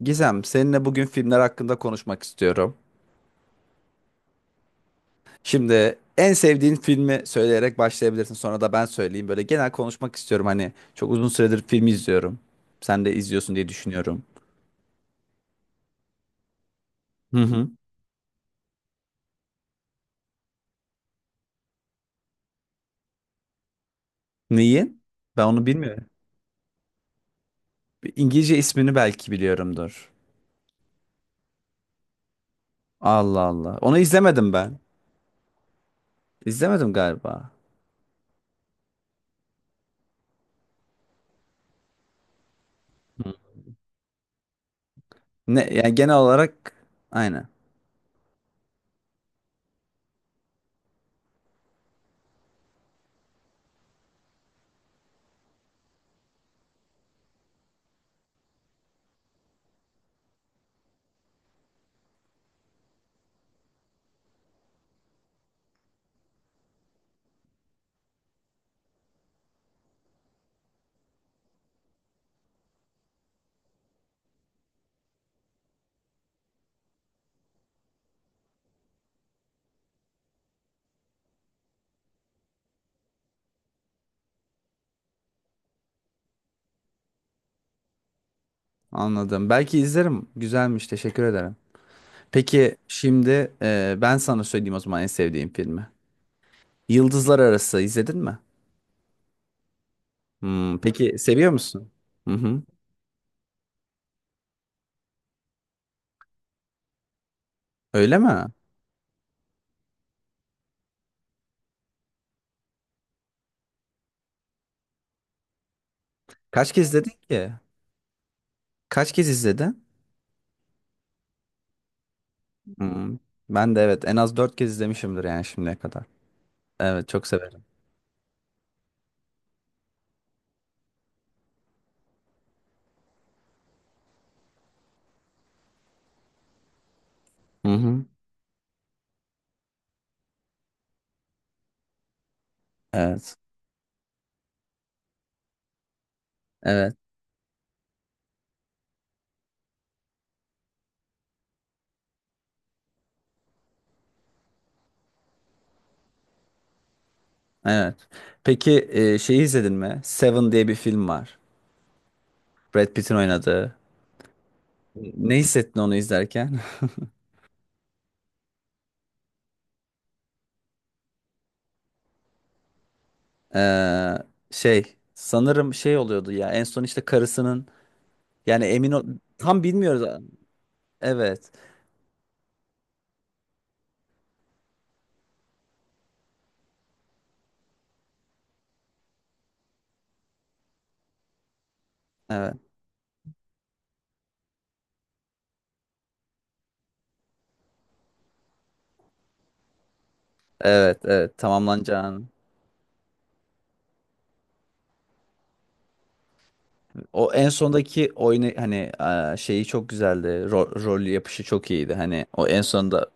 Gizem, seninle bugün filmler hakkında konuşmak istiyorum. Şimdi en sevdiğin filmi söyleyerek başlayabilirsin. Sonra da ben söyleyeyim. Böyle genel konuşmak istiyorum. Hani çok uzun süredir film izliyorum. Sen de izliyorsun diye düşünüyorum. Hı hı. Neyi? Ben onu bilmiyorum. Bir İngilizce ismini belki biliyorumdur. Allah Allah. Onu izlemedim ben. İzlemedim galiba. Hı. Ne? Yani genel olarak aynen. Anladım. Belki izlerim. Güzelmiş. Teşekkür ederim. Peki şimdi ben sana söyleyeyim o zaman en sevdiğim filmi. Yıldızlar Arası izledin mi? Hmm, peki seviyor musun? Hı hı. Öyle mi? Kaç kez izledin ki? Kaç kez izledin? Hmm, ben de evet en az 4 kez izlemişimdir yani şimdiye kadar. Evet, çok severim. Hı hı. Evet. Evet. Evet. Peki şeyi izledin mi? Seven diye bir film var. Brad Pitt'in oynadığı. Ne hissettin onu izlerken? Ee, Şey sanırım şey oluyordu ya en son işte karısının, yani emin ol tam bilmiyoruz. Evet. Evet. Evet, evet tamamlanacağını. O en sondaki oyunu hani şeyi çok güzeldi. Rol yapışı çok iyiydi. Hani o en sonda,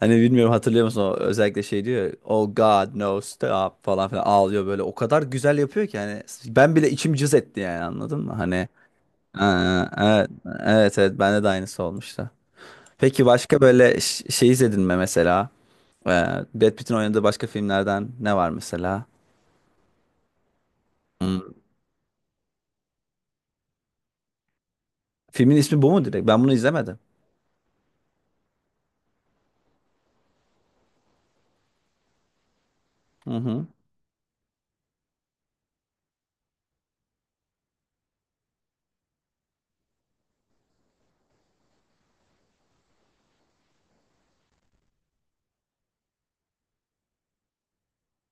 hani bilmiyorum, hatırlıyor musun? O, özellikle şey diyor. Ya, Oh God no stop falan filan, ağlıyor böyle. O kadar güzel yapıyor ki, hani ben bile içim cız etti, yani anladın mı? E, evet, evet evet bende de aynısı olmuştu. Peki başka böyle şey izledin mi mesela? E, Brad Pitt'in oynadığı başka filmlerden ne var mesela? Hmm. Filmin ismi bu mu direkt? Ben bunu izlemedim. Hı hı.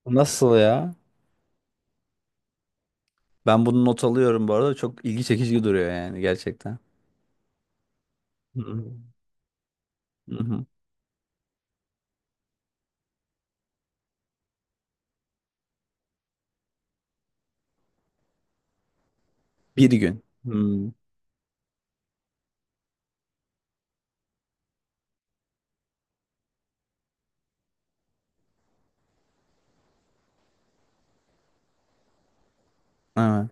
Nasıl ya? Ben bunu not alıyorum bu arada. Çok ilgi çekici duruyor yani gerçekten. Hı hı. Hı hı. Bir gün. Hmm. Evet.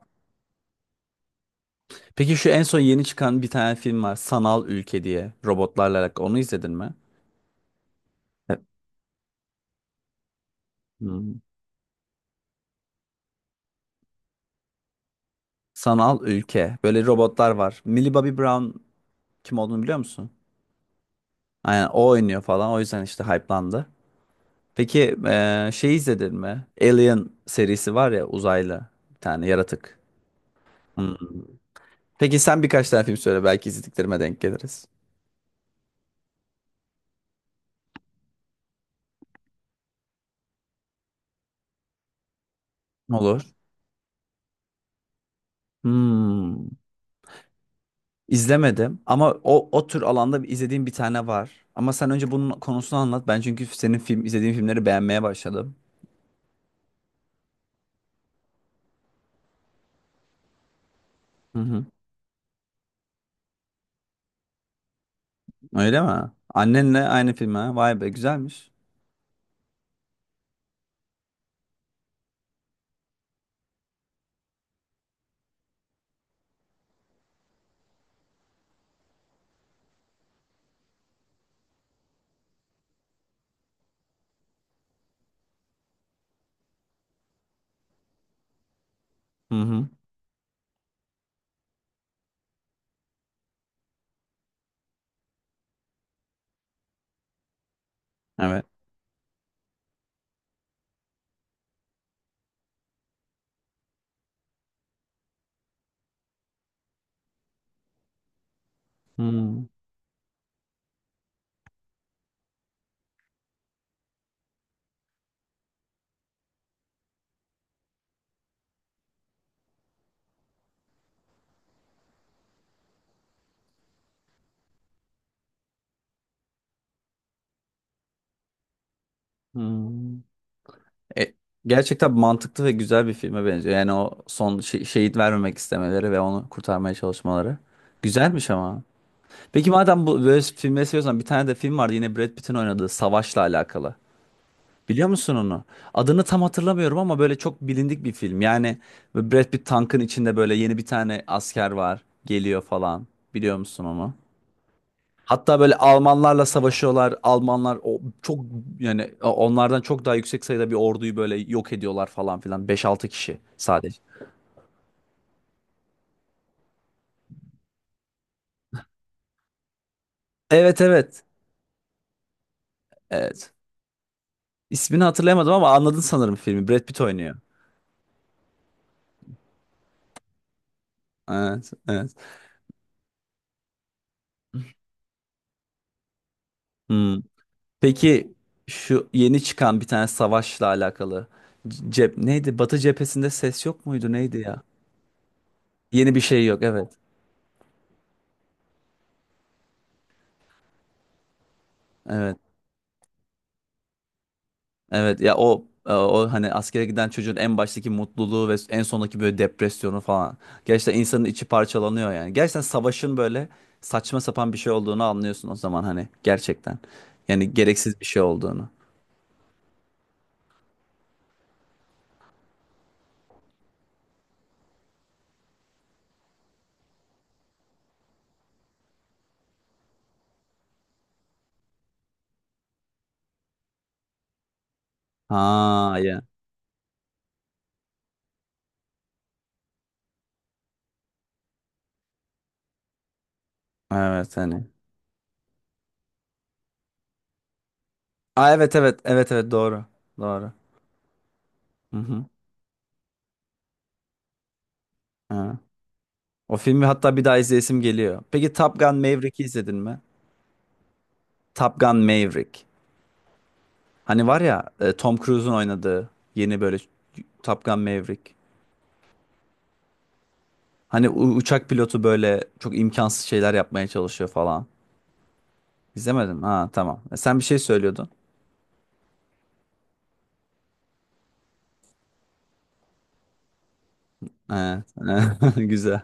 Peki şu en son yeni çıkan bir tane film var. Sanal Ülke diye. Robotlarla alakalı. Onu izledin mi? Evet. Hmm. Sanal Ülke. Böyle robotlar var. Millie Bobby Brown, kim olduğunu biliyor musun? Aynen, o oynuyor falan. O yüzden işte hype'landı. Peki şey izledin mi? Alien serisi var ya, uzaylı. Bir tane yaratık. Hmm. Peki sen birkaç tane film söyle, belki izlediklerime denk geliriz. Olur. Hmm. İzlemedim ama o o tür alanda izlediğim bir tane var. Ama sen önce bunun konusunu anlat. Ben çünkü senin film izlediğin filmleri beğenmeye başladım. Hı hı. Öyle mi? Annenle aynı film ha. Vay be, güzelmiş. Hı hı. Evet. Hmm. Hmm. E, Gerçekten mantıklı ve güzel bir filme benziyor. Yani o son şehit vermemek istemeleri ve onu kurtarmaya çalışmaları. Güzelmiş ama. Peki madem bu böyle filmleri seviyorsan, bir tane de film vardı yine Brad Pitt'in oynadığı Savaş'la alakalı. Biliyor musun onu? Adını tam hatırlamıyorum ama böyle çok bilindik bir film. Yani böyle Brad Pitt tankın içinde, böyle yeni bir tane asker var, geliyor falan. Biliyor musun onu? Hatta böyle Almanlarla savaşıyorlar. Almanlar o çok, yani onlardan çok daha yüksek sayıda bir orduyu böyle yok ediyorlar falan filan. Beş altı kişi sadece. Evet, evet. Evet. İsmini hatırlayamadım ama anladın sanırım filmi. Brad Pitt oynuyor. Evet, evet. Hmm. Peki şu yeni çıkan bir tane savaşla alakalı, cep neydi? Batı cephesinde ses yok muydu? Neydi ya? Yeni bir şey yok. Evet. Evet. Evet. Ya o o hani askere giden çocuğun en baştaki mutluluğu ve en sondaki böyle depresyonu falan. Gerçekten insanın içi parçalanıyor yani. Gerçekten savaşın böyle saçma sapan bir şey olduğunu anlıyorsun o zaman, hani gerçekten. Yani gereksiz bir şey olduğunu. Ha ya. Evet, hani. Aa, evet evet evet evet, doğru. Doğru. Hı hı. Evet. O filmi hatta bir daha izleyesim geliyor. Peki Top Gun Maverick'i izledin mi? Top Gun Maverick. Hani var ya Tom Cruise'un oynadığı, yeni böyle Top Gun Maverick. Hani uçak pilotu böyle çok imkansız şeyler yapmaya çalışıyor falan. İzlemedim. Ha, tamam. E, sen bir şey söylüyordun. Evet. Güzel.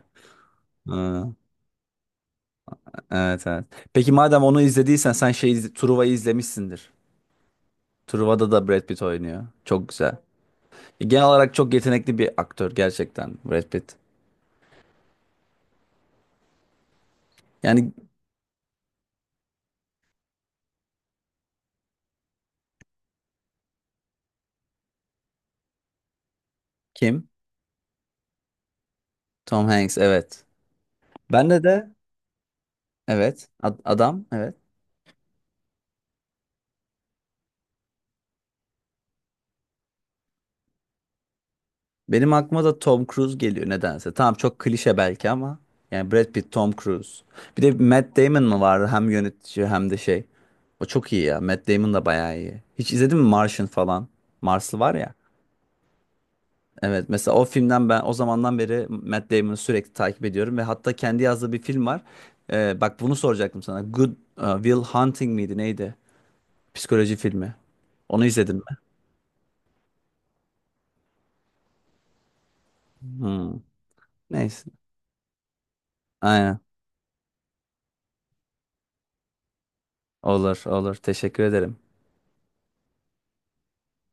Ha, evet evet. Peki madem onu izlediysen, sen Truva'yı izlemişsindir. Truva'da da Brad Pitt oynuyor. Çok güzel. E, genel olarak çok yetenekli bir aktör gerçekten Brad Pitt. Yani kim? Tom Hanks, evet. Bende de evet adam evet. Benim aklıma da Tom Cruise geliyor nedense. Tamam, çok klişe belki ama yani Brad Pitt, Tom Cruise. Bir de Matt Damon mı vardı, hem yönetici hem de şey. O çok iyi ya. Matt Damon da bayağı iyi. Hiç izledin mi Martian falan? Marslı var ya. Evet, mesela o filmden ben o zamandan beri Matt Damon'ı sürekli takip ediyorum ve hatta kendi yazdığı bir film var. Bak bunu soracaktım sana. Good Will Hunting miydi neydi? Psikoloji filmi. Onu izledim mi? Hmm. Neyse. Aynen. Olur, olur. Teşekkür ederim.